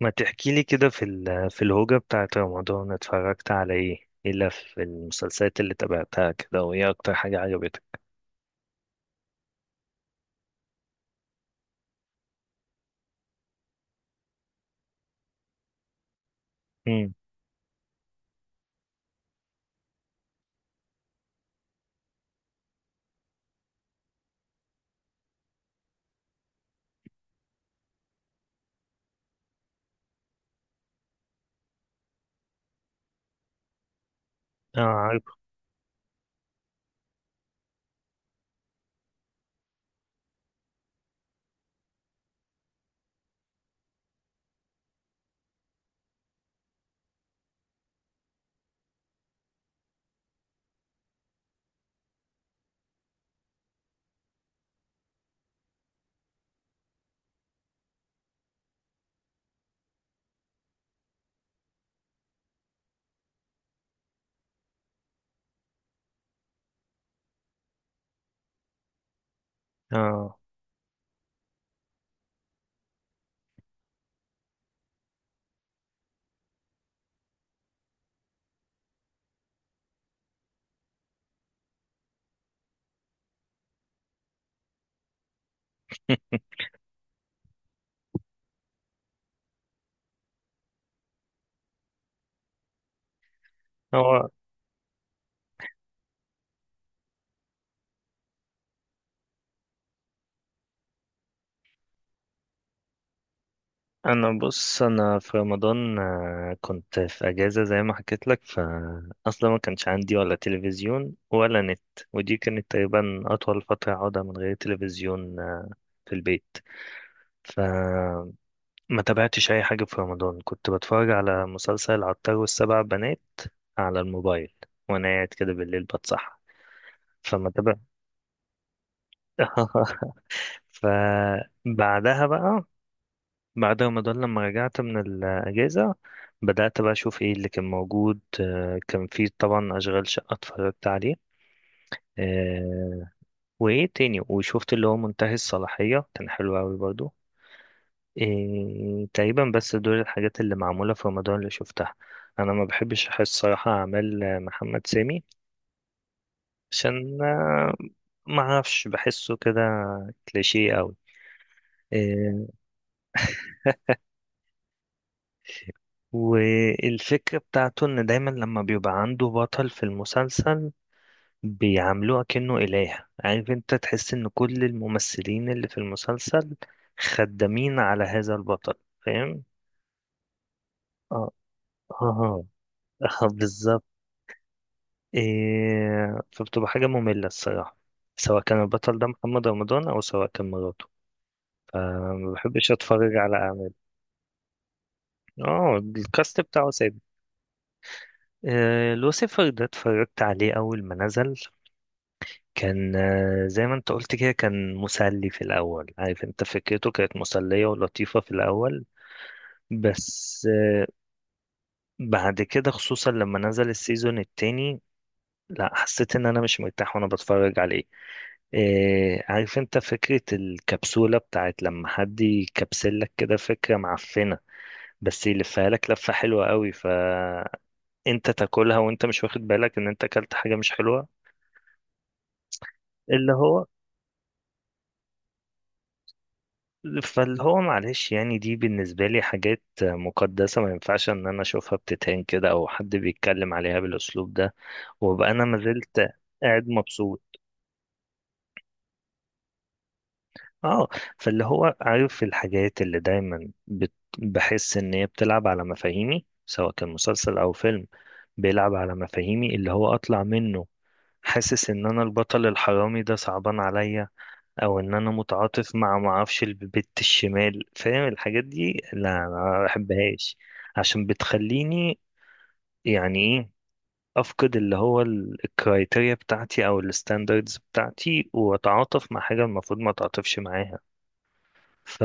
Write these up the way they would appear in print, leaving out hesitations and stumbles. ما تحكي لي كده في الهوجة بتاعت رمضان، اتفرجت على ايه الا في المسلسلات اللي تابعتها كده؟ وايه اكتر حاجة عجبتك؟ امم. اه، عارف. اه. هو، انا بص، انا في رمضان كنت في اجازة زي ما حكيت لك، فاصلا ما كانش عندي ولا تلفزيون ولا نت. ودي كانت تقريبا اطول فترة اقعدها من غير تلفزيون في البيت. ف ما تابعتش اي حاجه في رمضان، كنت بتفرج على مسلسل العطار والسبع بنات على الموبايل، وانا قاعد كده بالليل بتصحى. فما تابع فبعدها بقى، بعد رمضان لما رجعت من الاجازه، بدات بقى اشوف ايه اللي كان موجود. كان في طبعا اشغال شقه اتفرجت عليه. آه، وايه تاني؟ وشفت اللي هو منتهي الصلاحيه، كان حلو قوي برضو. إيه، تقريبا بس دول الحاجات اللي معمولة في رمضان اللي شفتها. أنا ما بحبش أحس صراحة أعمال محمد سامي، عشان ما أعرفش، بحسه كده كليشيه أوي. إيه، والفكرة بتاعته إن دايما لما بيبقى عنده بطل في المسلسل بيعاملوه كأنه إله، عارف أنت، تحس إن كل الممثلين اللي في المسلسل خدامين على هذا البطل. فاهم؟ اه، اه. بالظبط. إيه، فبتبقى حاجة مملة الصراحة، سواء كان البطل ده محمد رمضان أو سواء كان مراته. فما بحبش أتفرج على أعمال. اه، الكاست بتاعه ثابت. إيه، لوسيفر ده اتفرجت عليه أول ما نزل، كان زي ما انت قلت كده، كان مسلي في الأول، عارف انت، فكرته كانت مسلية ولطيفة في الأول. بس بعد كده، خصوصا لما نزل السيزون التاني، لا، حسيت ان انا مش مرتاح وانا بتفرج عليه. إيه، عارف انت، فكرة الكبسولة بتاعت لما حد يكبسلك كده، فكرة معفنة. بس يلفها لك لفة حلوة قوي، فانت تاكلها وانت مش واخد بالك ان انت اكلت حاجة مش حلوة. اللي هو فاللي هو معلش، يعني دي بالنسبة لي حاجات مقدسة، ما ينفعش ان انا اشوفها بتتهان كده، او حد بيتكلم عليها بالاسلوب ده، وابقى انا ما زلت قاعد مبسوط. اه، فاللي هو عارف الحاجات اللي دايما بحس ان هي بتلعب على مفاهيمي، سواء كان مسلسل او فيلم، بيلعب على مفاهيمي اللي هو اطلع منه، حاسس ان انا البطل الحرامي ده صعبان عليا، او ان انا متعاطف مع، معرفش، البت الشمال. فاهم؟ الحاجات دي لا، أنا ما بحبهاش. عشان بتخليني، يعني ايه، افقد اللي هو الكرايتيريا بتاعتي او الستاندردز بتاعتي، واتعاطف مع حاجة المفروض ما اتعاطفش معاها. ف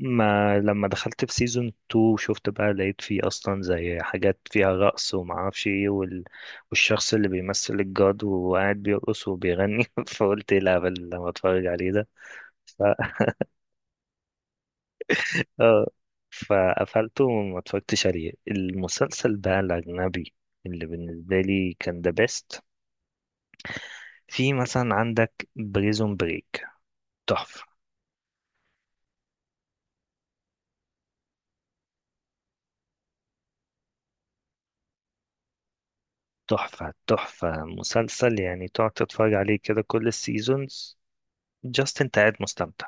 ما لما دخلت في سيزون 2، شفت بقى، لقيت فيه اصلا زي حاجات فيها رقص وما اعرفش ايه والشخص اللي بيمثل الجاد وقاعد بيرقص وبيغني، فقلت ايه الهبل اللي أنا بتفرج عليه ده. ف... آه. فقفلته وما اتفرجتش عليه. المسلسل بقى الاجنبي اللي بالنسبه لي كان ذا بيست، في مثلا عندك بريزون بريك، تحفه تحفه تحفه، مسلسل يعني تقعد تتفرج عليه كده كل السيزونز، جاست انت قاعد مستمتع.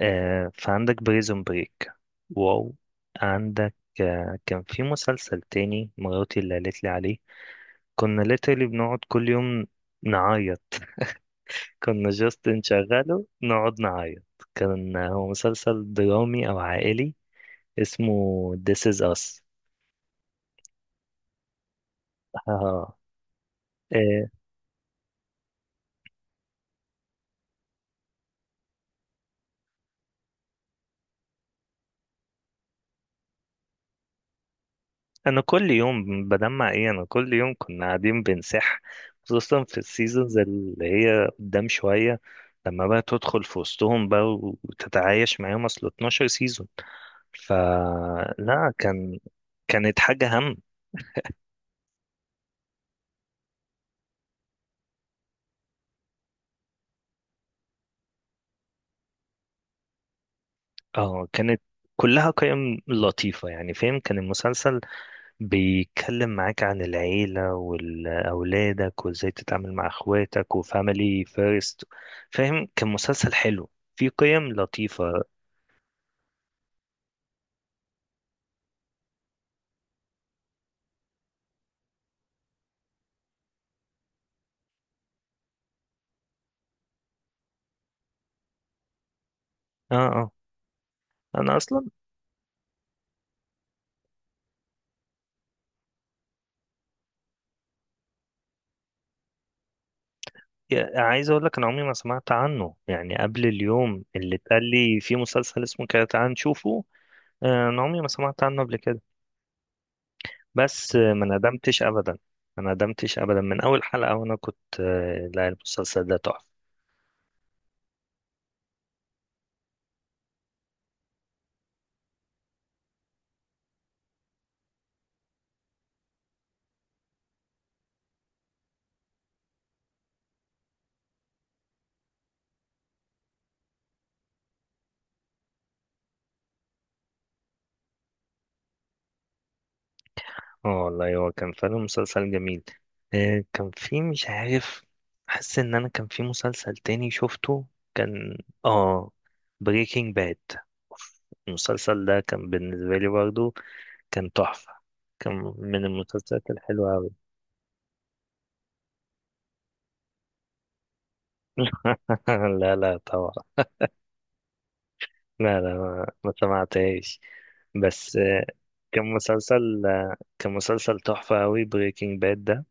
آه، فعندك بريزون بريك، واو. عندك كان في مسلسل تاني مراتي اللي قالت لي عليه، كنا ليترلي بنقعد كل يوم نعيط، كنا جاست نشغله نقعد نعيط. كان هو مسلسل درامي أو عائلي، اسمه This Is Us. آه. انا كل يوم بدمع. ايه، انا كل يوم كنا قاعدين بنسح، خصوصا في السيزونز اللي هي قدام شوية، لما بقى تدخل في وسطهم بقى وتتعايش معاهم، اصل 12 سيزون. فلا، كان، كانت حاجة هم. اه، كانت كلها قيم لطيفة، يعني فاهم، كان المسلسل بيتكلم معاك عن العيلة والأولادك وازاي تتعامل مع اخواتك وفاميلي فيرست. فاهم؟ كان مسلسل حلو فيه قيم لطيفة. اه، اه. انا اصلا، عايز اقول لك انا عمري ما سمعت عنه، يعني قبل اليوم اللي اتقال لي في مسلسل اسمه كده، تعال نشوفه. انا عمري ما سمعت عنه قبل كده، بس ما ندمتش ابدا، ما ندمتش ابدا. من اول حلقة وانا كنت لا، المسلسل ده تحفة. اه، والله هو كان فعلا مسلسل جميل. كان في، مش عارف، حاسس ان انا كان في مسلسل تاني شفته، كان، اه بريكنج باد. المسلسل ده كان بالنسبة لي برضو كان تحفة، كان من المسلسلات الحلوة أوي. لا، لا، طبعا. لا، لا، ما سمعتهاش. بس كان مسلسل كان مسلسل تحفة أوي، بريكنج باد ده.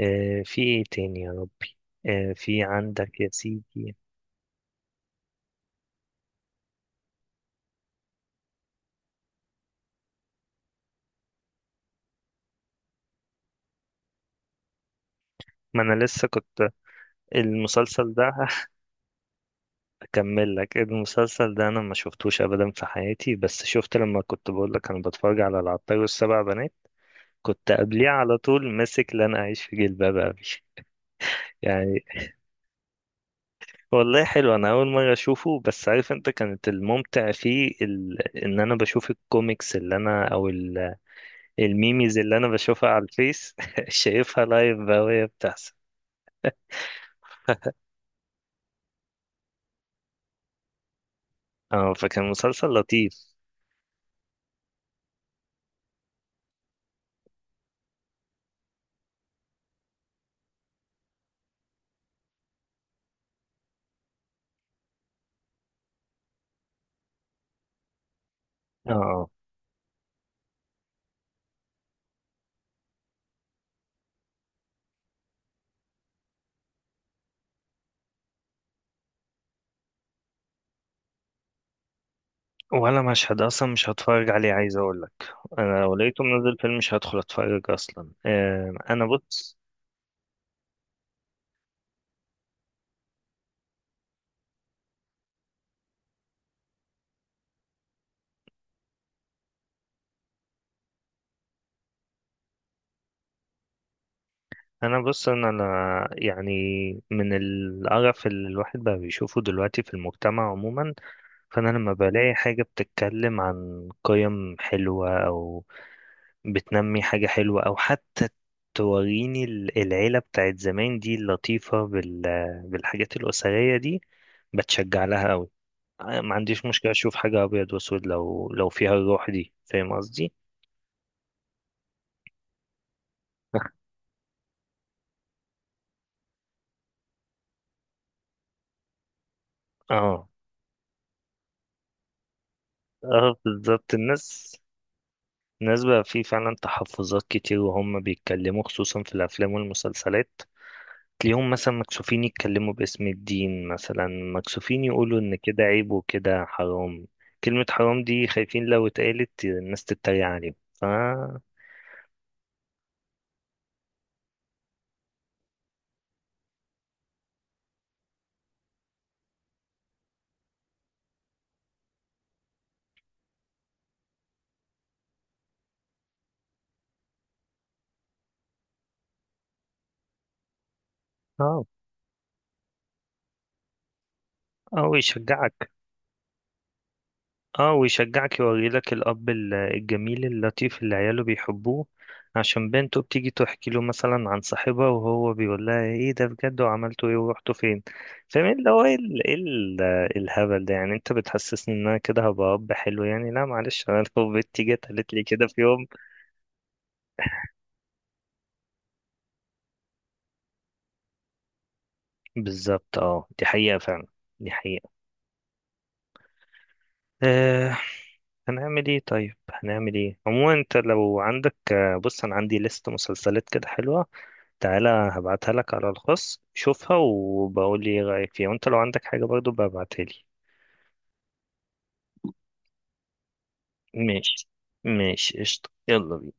في إيه تاني يا ربي؟ في عندك يا سيدي. ما أنا لسه كنت، المسلسل ده أكمل لك، المسلسل ده أنا ما شفتوش أبدا في حياتي، بس شفت لما كنت بقول لك أنا بتفرج على العطار والسبع بنات، كنت قبليه على طول ماسك لن أعيش في جلباب أبي. يعني، والله حلو، انا اول مره اشوفه. بس عارف انت، كانت الممتع فيه ان انا بشوف الكوميكس اللي انا، او الميميز اللي انا بشوفها على الفيس، شايفها لايف بقى وهي بتحصل. اه، فكان مسلسل لطيف. اه، ولا مشهد اصلا مش هتفرج عليه، عايز اقول لك. انا لو لقيته منزل فيلم مش هدخل اتفرج اصلا. انا بص، ان انا يعني من القرف اللي الواحد بقى بيشوفه دلوقتي في المجتمع عموما، فانا لما بلاقي حاجة بتتكلم عن قيم حلوة، او بتنمي حاجة حلوة، او حتى توريني العيلة بتاعت زمان دي اللطيفة بالحاجات الأسرية دي، بتشجع لها قوي. ما عنديش مشكلة اشوف حاجة ابيض واسود لو فيها الروح دي. فاهم قصدي؟ اه، اه، بالظبط. الناس، الناس بقى في فعلا تحفظات كتير وهم بيتكلموا، خصوصا في الافلام والمسلسلات، تلاقيهم مثلا مكسوفين يتكلموا باسم الدين، مثلا مكسوفين يقولوا ان كده عيب وكده حرام. كلمة حرام دي خايفين لو اتقالت الناس تتريق عليهم. ف اه، او يشجعك. اه، ويشجعك، يوريلك الأب الجميل اللطيف اللي عياله بيحبوه، عشان بنته بتيجي تحكي له مثلا عن صاحبها وهو بيقول لها ايه ده بجد، وعملتوا ايه، ورحتوا فين. فاهم اللي هو ايه الهبل ده؟ يعني انت بتحسسني ان انا كده هبقى أب حلو، يعني لا معلش، انا لو بنتي جت قالت لي كده في يوم، بالظبط. اه، دي حقيقة فعلا، دي حقيقة. آه هنعمل ايه طيب؟ هنعمل ايه عموما؟ انت لو عندك بص، انا عندي لست مسلسلات كده حلوة، تعالى هبعتها لك على الخاص شوفها، وبقول لي ايه رأيك فيها، وانت لو عندك حاجة برضو ببعتها لي. ماشي، ماشي، قشطة، يلا بينا.